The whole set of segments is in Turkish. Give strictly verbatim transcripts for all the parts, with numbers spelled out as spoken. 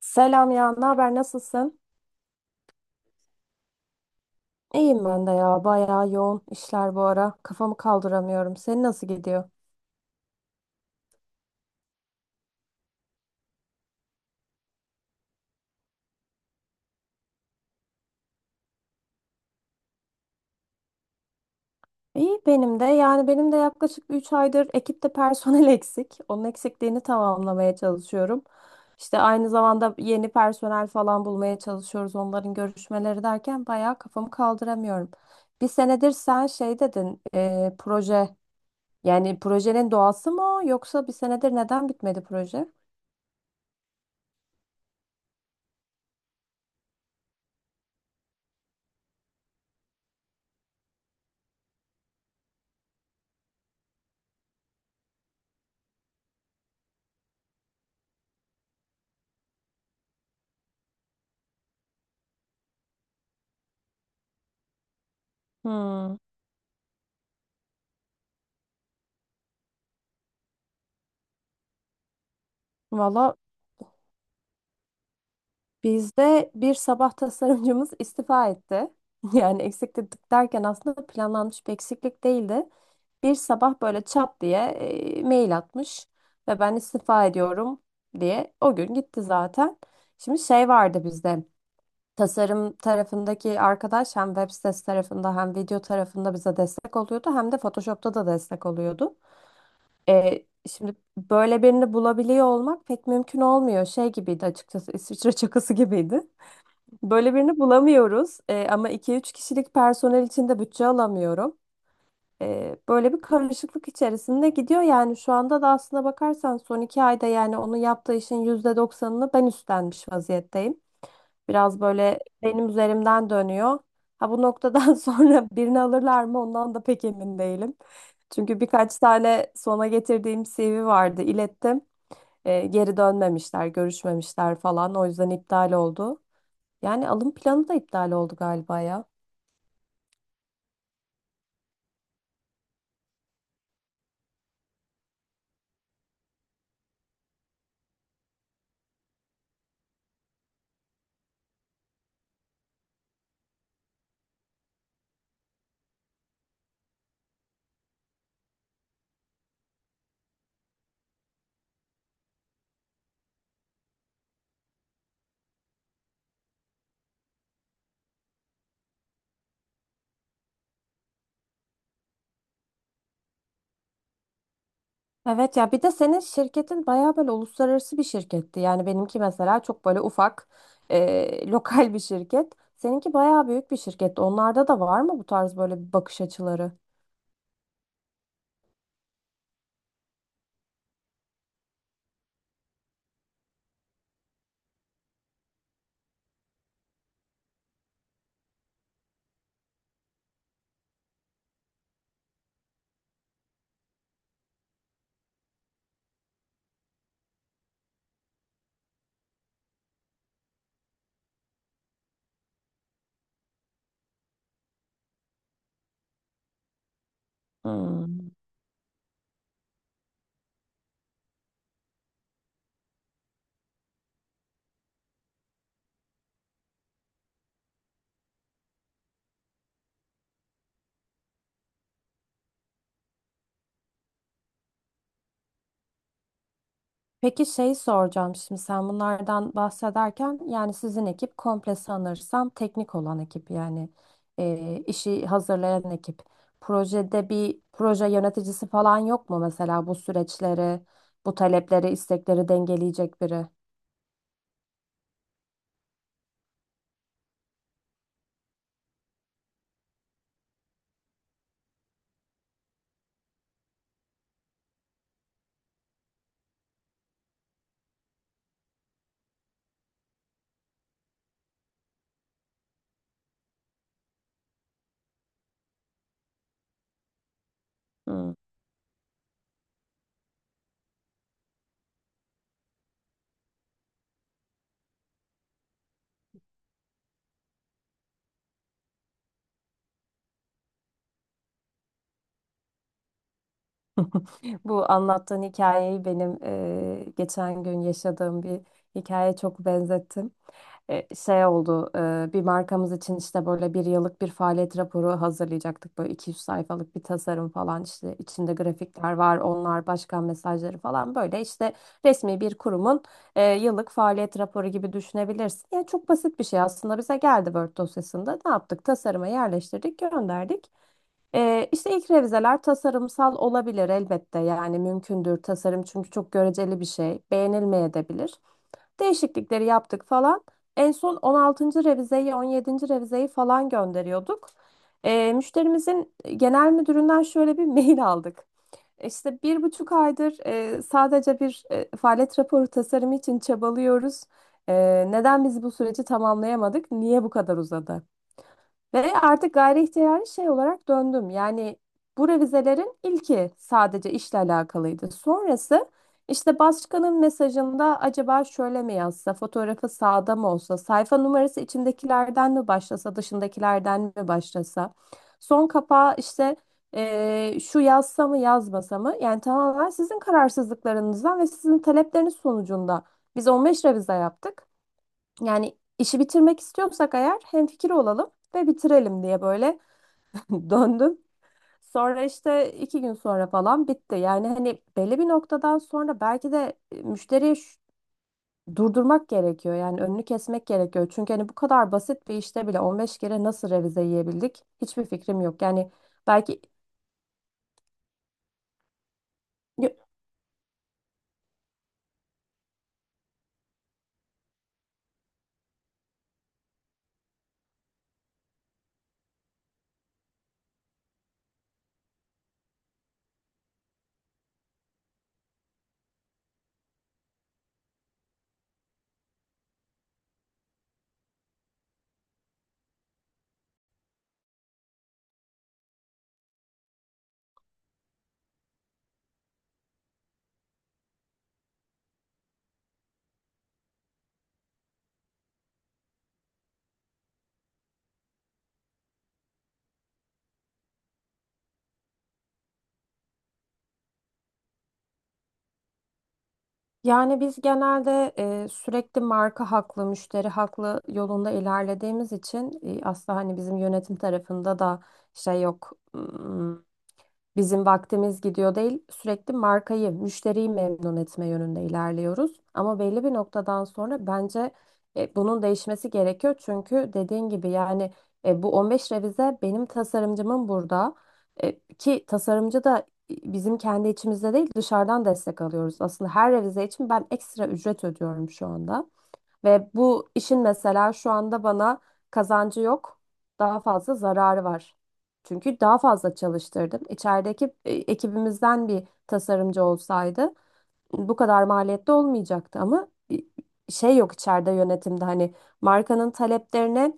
Selam ya, ne haber, nasılsın? İyiyim ben de ya, bayağı yoğun işler bu ara. Kafamı kaldıramıyorum. Senin nasıl gidiyor? İyi benim de. Yani benim de yaklaşık üç aydır ekipte personel eksik. Onun eksikliğini tamamlamaya çalışıyorum. İşte aynı zamanda yeni personel falan bulmaya çalışıyoruz. Onların görüşmeleri derken bayağı kafamı kaldıramıyorum. Bir senedir sen şey dedin, e, proje. Yani projenin doğası mı o, yoksa bir senedir neden bitmedi proje? Hmm. Valla, bizde bir sabah tasarımcımız istifa etti. Yani eksiklik derken aslında planlanmış bir eksiklik değildi. Bir sabah böyle çat diye e, mail atmış ve ben istifa ediyorum diye o gün gitti zaten. Şimdi şey vardı bizde, tasarım tarafındaki arkadaş hem web sitesi tarafında hem video tarafında bize destek oluyordu, hem de Photoshop'ta da destek oluyordu. E, şimdi böyle birini bulabiliyor olmak pek mümkün olmuyor. Şey gibiydi açıkçası, İsviçre çakısı gibiydi. Böyle birini bulamıyoruz. Ee, ama iki üç kişilik personel için de bütçe alamıyorum. Ee, böyle bir karışıklık içerisinde gidiyor. Yani şu anda da, aslına bakarsan son iki ayda, yani onun yaptığı işin yüzde doksanını ben üstlenmiş vaziyetteyim. Biraz böyle benim üzerimden dönüyor. Ha, bu noktadan sonra birini alırlar mı ondan da pek emin değilim. Çünkü birkaç tane sona getirdiğim C V vardı, ilettim. Ee, geri dönmemişler, görüşmemişler falan. O yüzden iptal oldu. Yani alım planı da iptal oldu galiba ya. Evet ya, bir de senin şirketin bayağı böyle uluslararası bir şirketti. Yani benimki mesela çok böyle ufak, e, lokal bir şirket. Seninki bayağı büyük bir şirket. Onlarda da var mı bu tarz böyle bir bakış açıları? Hmm. Peki şey soracağım, şimdi sen bunlardan bahsederken, yani sizin ekip komple sanırsam teknik olan ekip, yani e, işi hazırlayan ekip. Projede bir proje yöneticisi falan yok mu mesela, bu süreçleri, bu talepleri, istekleri dengeleyecek biri? Hmm. Bu anlattığın hikayeyi benim e, geçen gün yaşadığım bir hikaye çok benzettim. E, şey oldu, e, bir markamız için işte böyle bir yıllık bir faaliyet raporu hazırlayacaktık, böyle iki yüz sayfalık bir tasarım falan, işte içinde grafikler var, onlar başkan mesajları falan, böyle işte resmi bir kurumun e, yıllık faaliyet raporu gibi düşünebilirsin. Yani çok basit bir şey, aslında bize geldi Word dosyasında, ne yaptık, tasarıma yerleştirdik, gönderdik. Ee, işte ilk revizeler tasarımsal olabilir elbette, yani mümkündür, tasarım çünkü çok göreceli bir şey, beğenilmeyebilir. Değişiklikleri yaptık falan. En son on altıncı revizeyi, on yedinci revizeyi falan gönderiyorduk. Ee, müşterimizin genel müdüründen şöyle bir mail aldık. İşte bir buçuk aydır e, sadece bir e, faaliyet raporu tasarımı için çabalıyoruz. E, Neden biz bu süreci tamamlayamadık? Niye bu kadar uzadı? Ve artık gayri ihtiyari şey olarak döndüm. Yani bu revizelerin ilki sadece işle alakalıydı. Sonrası işte başkanın mesajında acaba şöyle mi yazsa, fotoğrafı sağda mı olsa, sayfa numarası içindekilerden mi başlasa, dışındakilerden mi başlasa, son kapağı işte eee, şu yazsa mı yazmasa mı? Yani tamamen sizin kararsızlıklarınızdan ve sizin talepleriniz sonucunda biz on beş revize yaptık. Yani işi bitirmek istiyorsak eğer, hemfikir olalım ve bitirelim diye böyle döndüm. Sonra işte iki gün sonra falan bitti. Yani hani belli bir noktadan sonra belki de e, müşteriyi ş- durdurmak gerekiyor. Yani önünü kesmek gerekiyor. Çünkü hani bu kadar basit bir işte bile on beş kere nasıl revize yiyebildik? Hiçbir fikrim yok. Yani belki. Yani biz genelde e, sürekli marka haklı, müşteri haklı yolunda ilerlediğimiz için, e, aslında hani bizim yönetim tarafında da şey yok. Bizim vaktimiz gidiyor değil, sürekli markayı, müşteriyi memnun etme yönünde ilerliyoruz. Ama belli bir noktadan sonra bence e, bunun değişmesi gerekiyor. Çünkü dediğin gibi yani e, bu on beş revize benim tasarımcımın burada. E, ki tasarımcı da e, bizim kendi içimizde değil, dışarıdan destek alıyoruz. Aslında her revize için ben ekstra ücret ödüyorum şu anda. Ve bu işin mesela şu anda bana kazancı yok, daha fazla zararı var. Çünkü daha fazla çalıştırdım. İçerideki e, ekibimizden bir tasarımcı olsaydı bu kadar maliyette olmayacaktı, ama şey yok içeride yönetimde, hani markanın taleplerine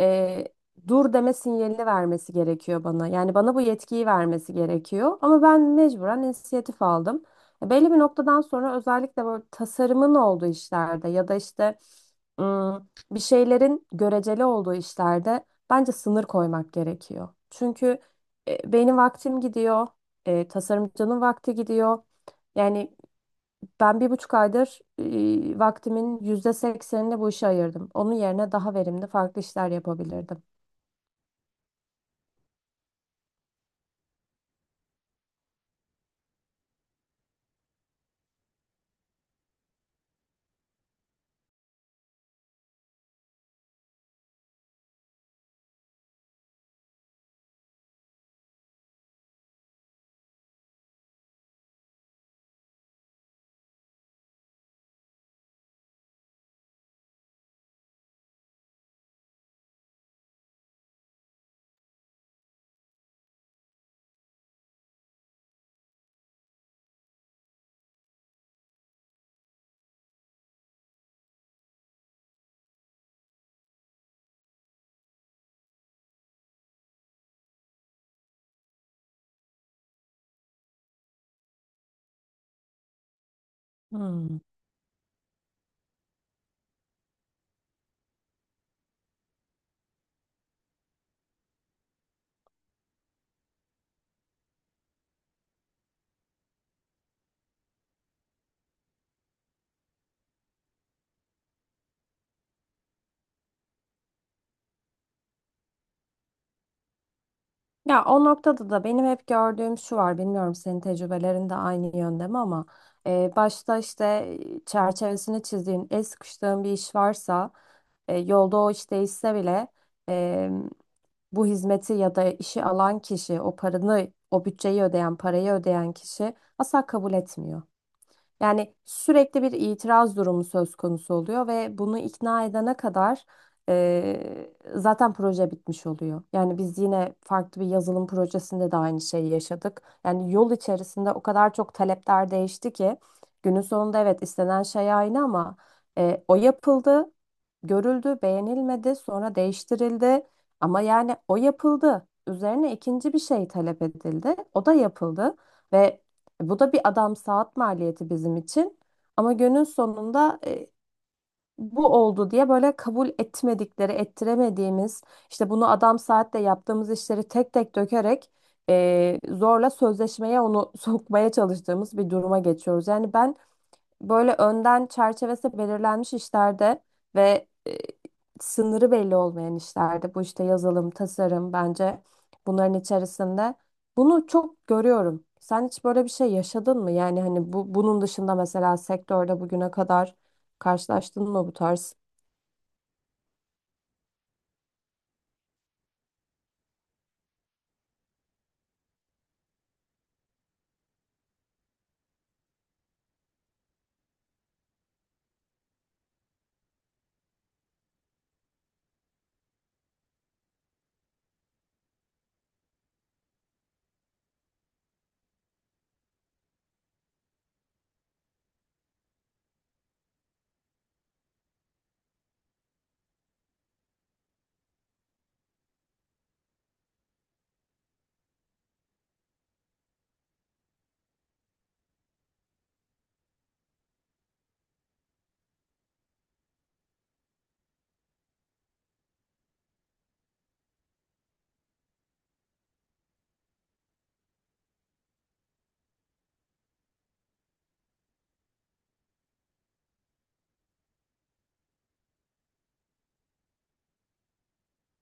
e, dur deme sinyalini vermesi gerekiyor bana. Yani bana bu yetkiyi vermesi gerekiyor ama ben mecburen inisiyatif aldım. E, Belli bir noktadan sonra, özellikle böyle tasarımın olduğu işlerde ya da işte ım, bir şeylerin göreceli olduğu işlerde bence sınır koymak gerekiyor. Çünkü e, benim vaktim gidiyor, e, tasarımcının vakti gidiyor. Yani ben bir buçuk aydır e, vaktimin yüzde seksenini bu işe ayırdım. Onun yerine daha verimli farklı işler yapabilirdim. Hmm. Ya o noktada da benim hep gördüğüm şu var, bilmiyorum senin tecrübelerin de aynı yönde mi, ama e, başta işte e, çerçevesini çizdiğin, el sıkıştığın bir iş varsa, e, yolda o iş değişse bile, e, bu hizmeti ya da işi alan kişi, o paranı, o bütçeyi ödeyen, parayı ödeyen kişi asla kabul etmiyor. Yani sürekli bir itiraz durumu söz konusu oluyor ve bunu ikna edene kadar eee, zaten proje bitmiş oluyor. Yani biz yine farklı bir yazılım projesinde de aynı şeyi yaşadık. Yani yol içerisinde o kadar çok talepler değişti ki, günün sonunda evet, istenen şey aynı, ama eee, o yapıldı, görüldü, beğenilmedi, sonra değiştirildi. Ama yani o yapıldı. Üzerine ikinci bir şey talep edildi. O da yapıldı. Ve e, bu da bir adam saat maliyeti bizim için. Ama günün sonunda e, bu oldu diye böyle kabul etmedikleri, ettiremediğimiz, işte bunu adam saatle yaptığımız işleri tek tek dökerek e, zorla sözleşmeye onu sokmaya çalıştığımız bir duruma geçiyoruz. Yani ben böyle önden çerçevesi belirlenmiş işlerde ve e, sınırı belli olmayan işlerde, bu işte yazılım, tasarım, bence bunların içerisinde bunu çok görüyorum. Sen hiç böyle bir şey yaşadın mı? Yani hani bu, bunun dışında mesela sektörde bugüne kadar karşılaştın mı bu tarz?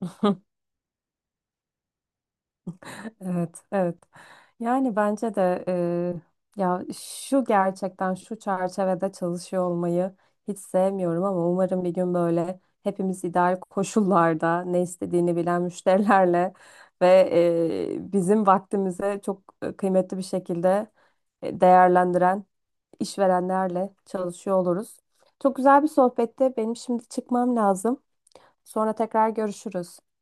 Evet, evet. Yani bence de e, ya şu, gerçekten şu çerçevede çalışıyor olmayı hiç sevmiyorum, ama umarım bir gün böyle hepimiz ideal koşullarda ne istediğini bilen müşterilerle ve e, bizim vaktimize çok kıymetli bir şekilde e, değerlendiren işverenlerle çalışıyor oluruz. Çok güzel bir sohbette Benim şimdi çıkmam lazım. Sonra tekrar görüşürüz.